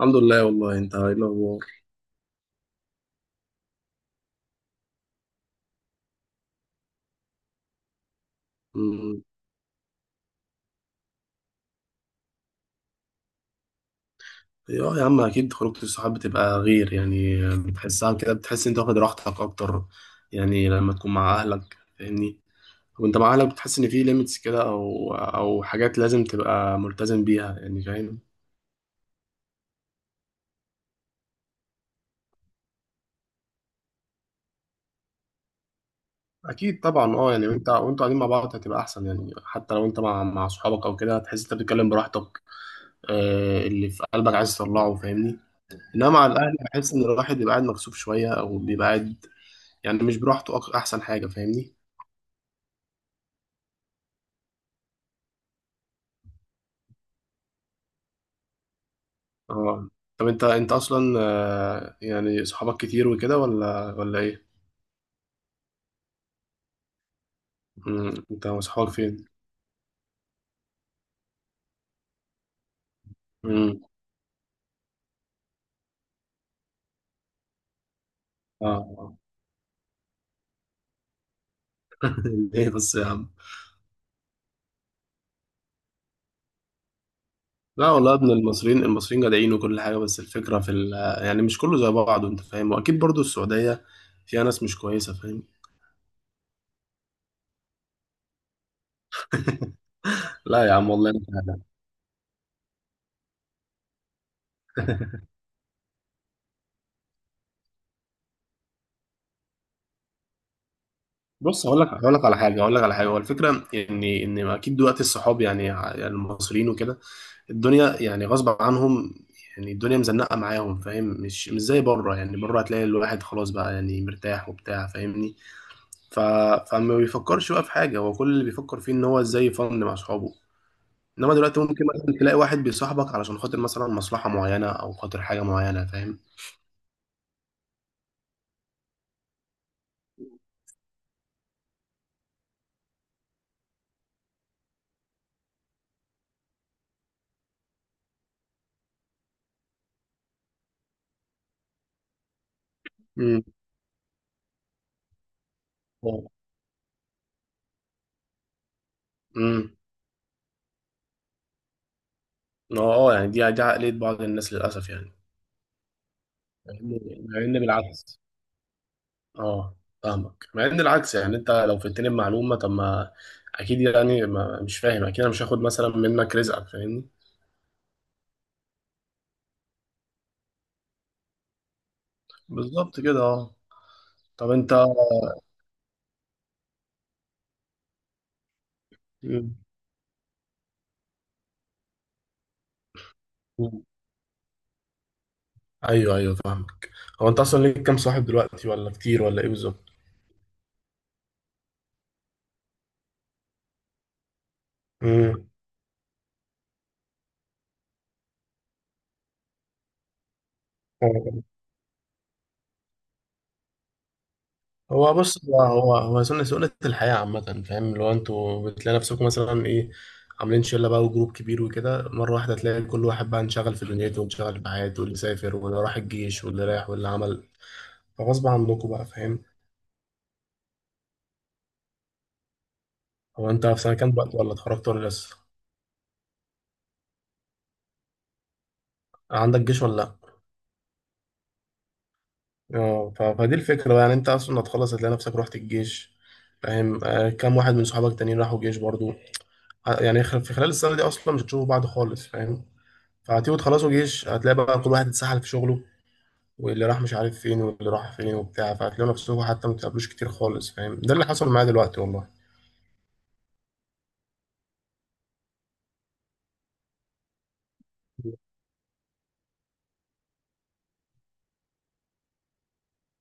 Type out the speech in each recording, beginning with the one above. الحمد لله والله، انت ايه الاخبار؟ أمم، اه يا عم، اكيد خروجة الصحاب بتبقى غير، يعني بتحسها كده، بتحس انت واخد راحتك اكتر. يعني لما تكون مع اهلك، فاهمني. وانت مع اهلك بتحس ان في ليميتس كده، او حاجات لازم تبقى ملتزم بيها، يعني فاهم؟ اكيد طبعا. اه، يعني وانتوا قاعدين مع بعض هتبقى احسن، يعني حتى لو انت مع صحابك او كده هتحس انت بتتكلم براحتك. آه، اللي في قلبك عايز تطلعه، فاهمني. انما مع الاهل بحس ان الواحد بيبقى قاعد مكسوف شويه، او بيبقى قاعد يعني مش براحته. احسن حاجة، فاهمني. اه. طب انت اصلا، آه، يعني صحابك كتير وكده، ولا ايه؟ مم. انت وصحابك فين؟ مم. اه. ليه بس يا عم؟ لا والله يا ابن المصريين، المصريين جدعين وكل حاجة، بس الفكرة في ال... يعني مش كله زي بعضه، انت فاهم، واكيد برضو السعودية فيها ناس مش كويسة، فاهم؟ لا يا عم والله أنا فاهم. بص، هقول لك على حاجة. هو الفكرة ان اكيد دلوقتي الصحاب، يعني يعني المصريين وكده، الدنيا يعني غصب عنهم، يعني الدنيا مزنقة معاهم، فاهم؟ مش زي بره، يعني بره هتلاقي الواحد خلاص بقى، يعني مرتاح وبتاع، فاهمني. ف... فما بيفكرش بقى في حاجة، هو كل اللي بيفكر فيه ان هو ازاي يفند مع صحابه. انما دلوقتي ممكن مثلا تلاقي واحد بيصاحبك علشان خاطر مثلا مصلحة معينة او خاطر حاجة معينة، فاهم؟ امم امم اه. آه، يعني دي عقلية بعض الناس للأسف يعني. مع ان مع إن بالعكس. اه، فاهمك. مع ان العكس، يعني انت لو فدتني بمعلومه، طب ما اكيد يعني، ما مش فاهم، اكيد انا مش هاخد مثلا منك رزقك، فاهمني. بالظبط كده. اه، طب انت... مم. مم. ايوه، ايوه، فاهمك. هو انت اصلا ليك كام صاحب دلوقتي، ولا كتير، ولا ايه بالظبط؟ مم. هو بص، هو سنة الحياة عامة، فاهم؟ اللي هو انتوا بتلاقي نفسكم مثلا ايه، عاملين شلة بقى وجروب كبير وكده، مرة واحدة تلاقي كل واحد بقى انشغل في دنيته وانشغل في حياته، واللي سافر واللي راح الجيش واللي راح واللي عمل، فغصب عنكم بقى، فاهم؟ هو انت في سنه كام دلوقتي، ولا اتخرجت ولا لسه؟ عندك جيش ولا لا؟ اه، فدي الفكره بقى، يعني انت اصلا هتخلص هتلاقي نفسك رحت الجيش، فاهم؟ آه، كام واحد من صحابك التانيين راحوا جيش برضو؟ يعني في خلال السنه دي اصلا مش هتشوفوا بعض خالص، فاهم؟ فهتيجوا تخلصوا جيش، هتلاقي بقى كل واحد اتسحل في شغله، واللي راح مش عارف فين، واللي راح فين وبتاع، فهتلاقوا نفسكم حتى ما بتقابلوش كتير خالص، فاهم؟ ده اللي حصل معايا دلوقتي والله.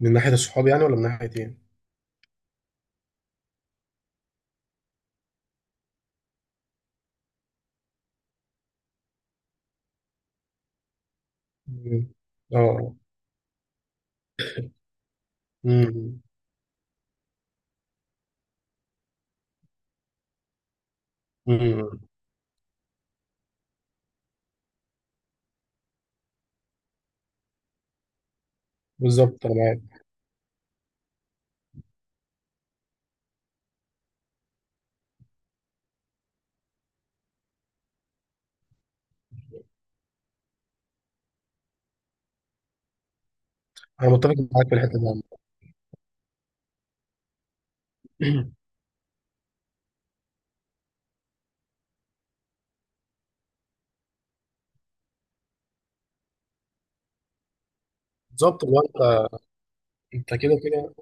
من ناحيه الصحاب يعني، ولا من ناحيه ايه؟ مم. اه. مم. مم. بالظبط انا متفق معاك في الحته دي. بالظبط. هو انت... انت كده كده.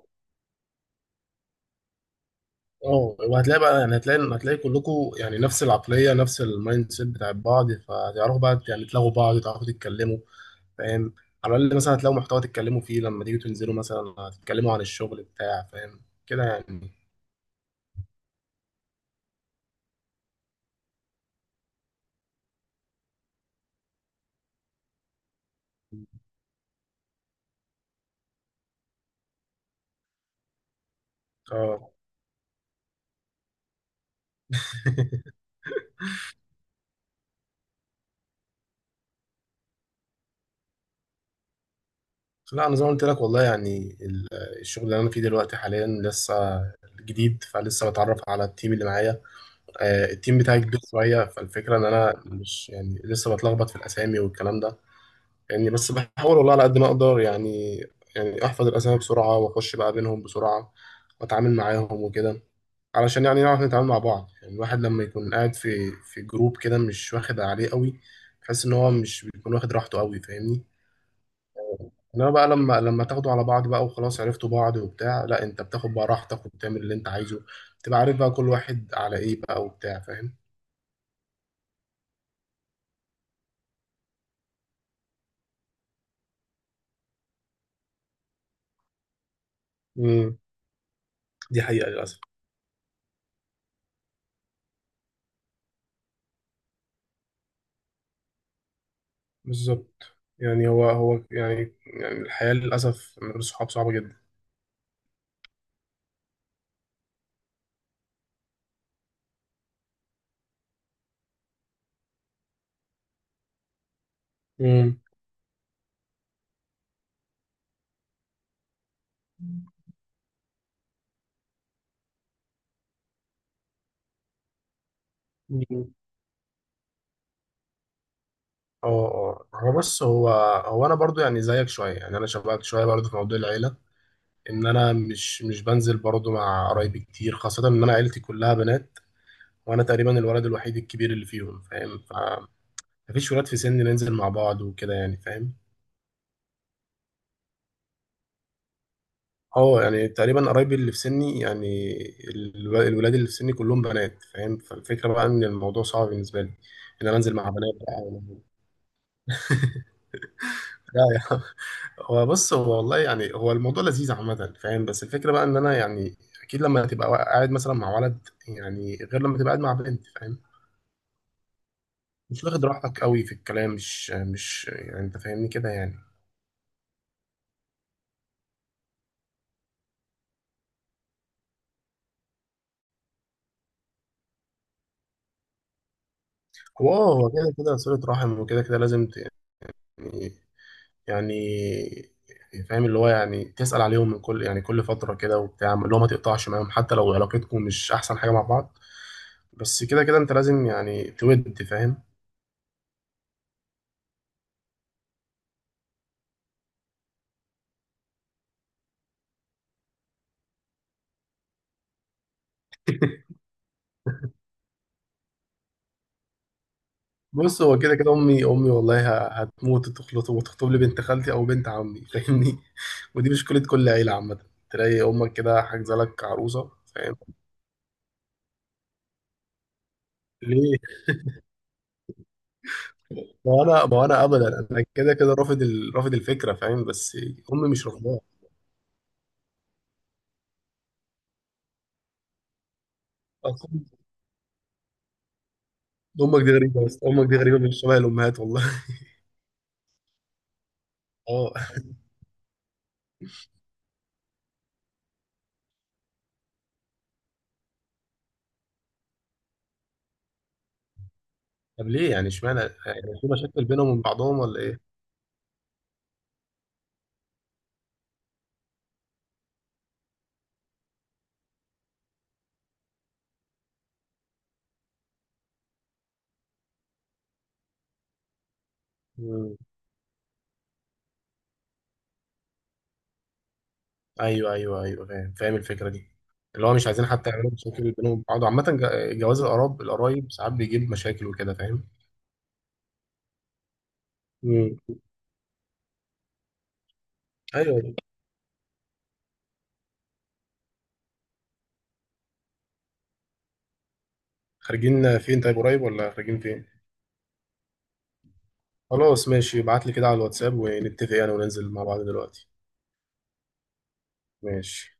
اه، وهتلاقي بقى، يعني هتلاقي كلكم يعني نفس العقليه، نفس المايند سيت بتاع بعض، فتعرفوا بقى، يعني تلاقوا بعض، تعرفوا، تتكلموا، فاهم؟ على الاقل مثلا هتلاقوا محتوى تتكلموا فيه لما تيجوا تنزلوا مثلا، هتتكلموا عن الشغل بتاع، فاهم؟ كده يعني. اه. لا انا زي ما قلت لك والله، يعني الشغل اللي انا فيه دلوقتي حاليا لسه جديد، فلسه بتعرف على التيم اللي معايا. آه، التيم بتاعي كبير شويه، فالفكره ان انا مش يعني لسه بتلخبط في الاسامي والكلام ده. يعني بس بحاول والله على قد ما اقدر يعني احفظ الاسامي بسرعه واخش بقى بينهم بسرعه، واتعامل معاهم وكده، علشان يعني نعرف نتعامل مع بعض. يعني الواحد لما يكون قاعد في جروب كده مش واخد عليه قوي، تحس ان هو مش بيكون واخد راحته قوي، فاهمني. انما بقى لما تاخدوا على بعض بقى وخلاص عرفتوا بعض وبتاع، لا انت بتاخد بقى راحتك وبتعمل اللي انت عايزه، تبقى عارف بقى كل واحد على ايه بقى وبتاع. فاهم؟ دي حقيقة للأسف. بالظبط، يعني هو يعني الحياة للأسف من غير صحاب صعبة جدا. امم مم. اه، اه. هو بص، هو هو أنا برضو يعني زيك شوية، يعني أنا شبهك شوية برضو في موضوع العيلة، إن أنا مش بنزل برضو مع قرايبي كتير، خاصة إن أنا عيلتي كلها بنات، وأنا تقريبا الولد الوحيد الكبير اللي فيهم، فاهم؟ فمفيش ولاد في سني ننزل مع بعض وكده يعني، فاهم؟ اه، يعني تقريبا قرايبي اللي في سني يعني الولاد اللي في سني كلهم بنات، فاهم؟ فالفكرة بقى ان الموضوع صعب بالنسبة لي، ان انا انزل مع بنات بقى و-... لا يا عم. هو بص، هو والله يعني هو الموضوع لذيذ عامة، فاهم؟ بس الفكرة بقى ان انا يعني، اكيد لما تبقى قاعد مثلا مع ولد يعني غير لما تبقى قاعد مع بنت، فاهم؟ مش واخد راحتك قوي في الكلام، مش يعني انت فاهمني كده يعني. هو، اه، هو كده كده صلة رحم، وكده كده لازم يعني يعني يعني فاهم، اللي هو يعني تسأل عليهم من كل يعني كل فترة كده وبتاع، اللي هو ما تقطعش معاهم حتى لو علاقتكم مش أحسن حاجة مع بعض، بس كده كده أنت لازم يعني تود، فاهم؟ بص، هو كده كده أمي والله هتموت وتخلط وتخطب لي بنت خالتي أو بنت عمي، فاهمني. ودي مشكلة كل عيلة عامة، تلاقي أمك كده حاجزة لك عروسة، فاهم؟ ليه؟ ما هو أنا أبدا، أنا كده كده رافض الفكرة، فاهم؟ بس أمي مش رافضاها أصلاً. أمك دي غريبة، بس أمك دي غريبة مش شبه الأمهات والله. اه. طب ليه يعني؟ اشمعنى يعني، في مشاكل بينهم وبين بعضهم ولا ايه؟ مم. ايوه، ايوه، ايوه، فاهم، فاهم الفكره دي. اللي هو مش عايزين حتى يعملوا مشاكل بينهم وبين بعض عامه، جواز القرايب ساعات بيجيب مشاكل وكده، فاهم؟ مم. ايوه. خارجين فين طيب، قريب ولا خارجين فين؟ خلاص ماشي، ابعت لي كده على الواتساب ونتفق يعني وننزل مع بعض دلوقتي. ماشي.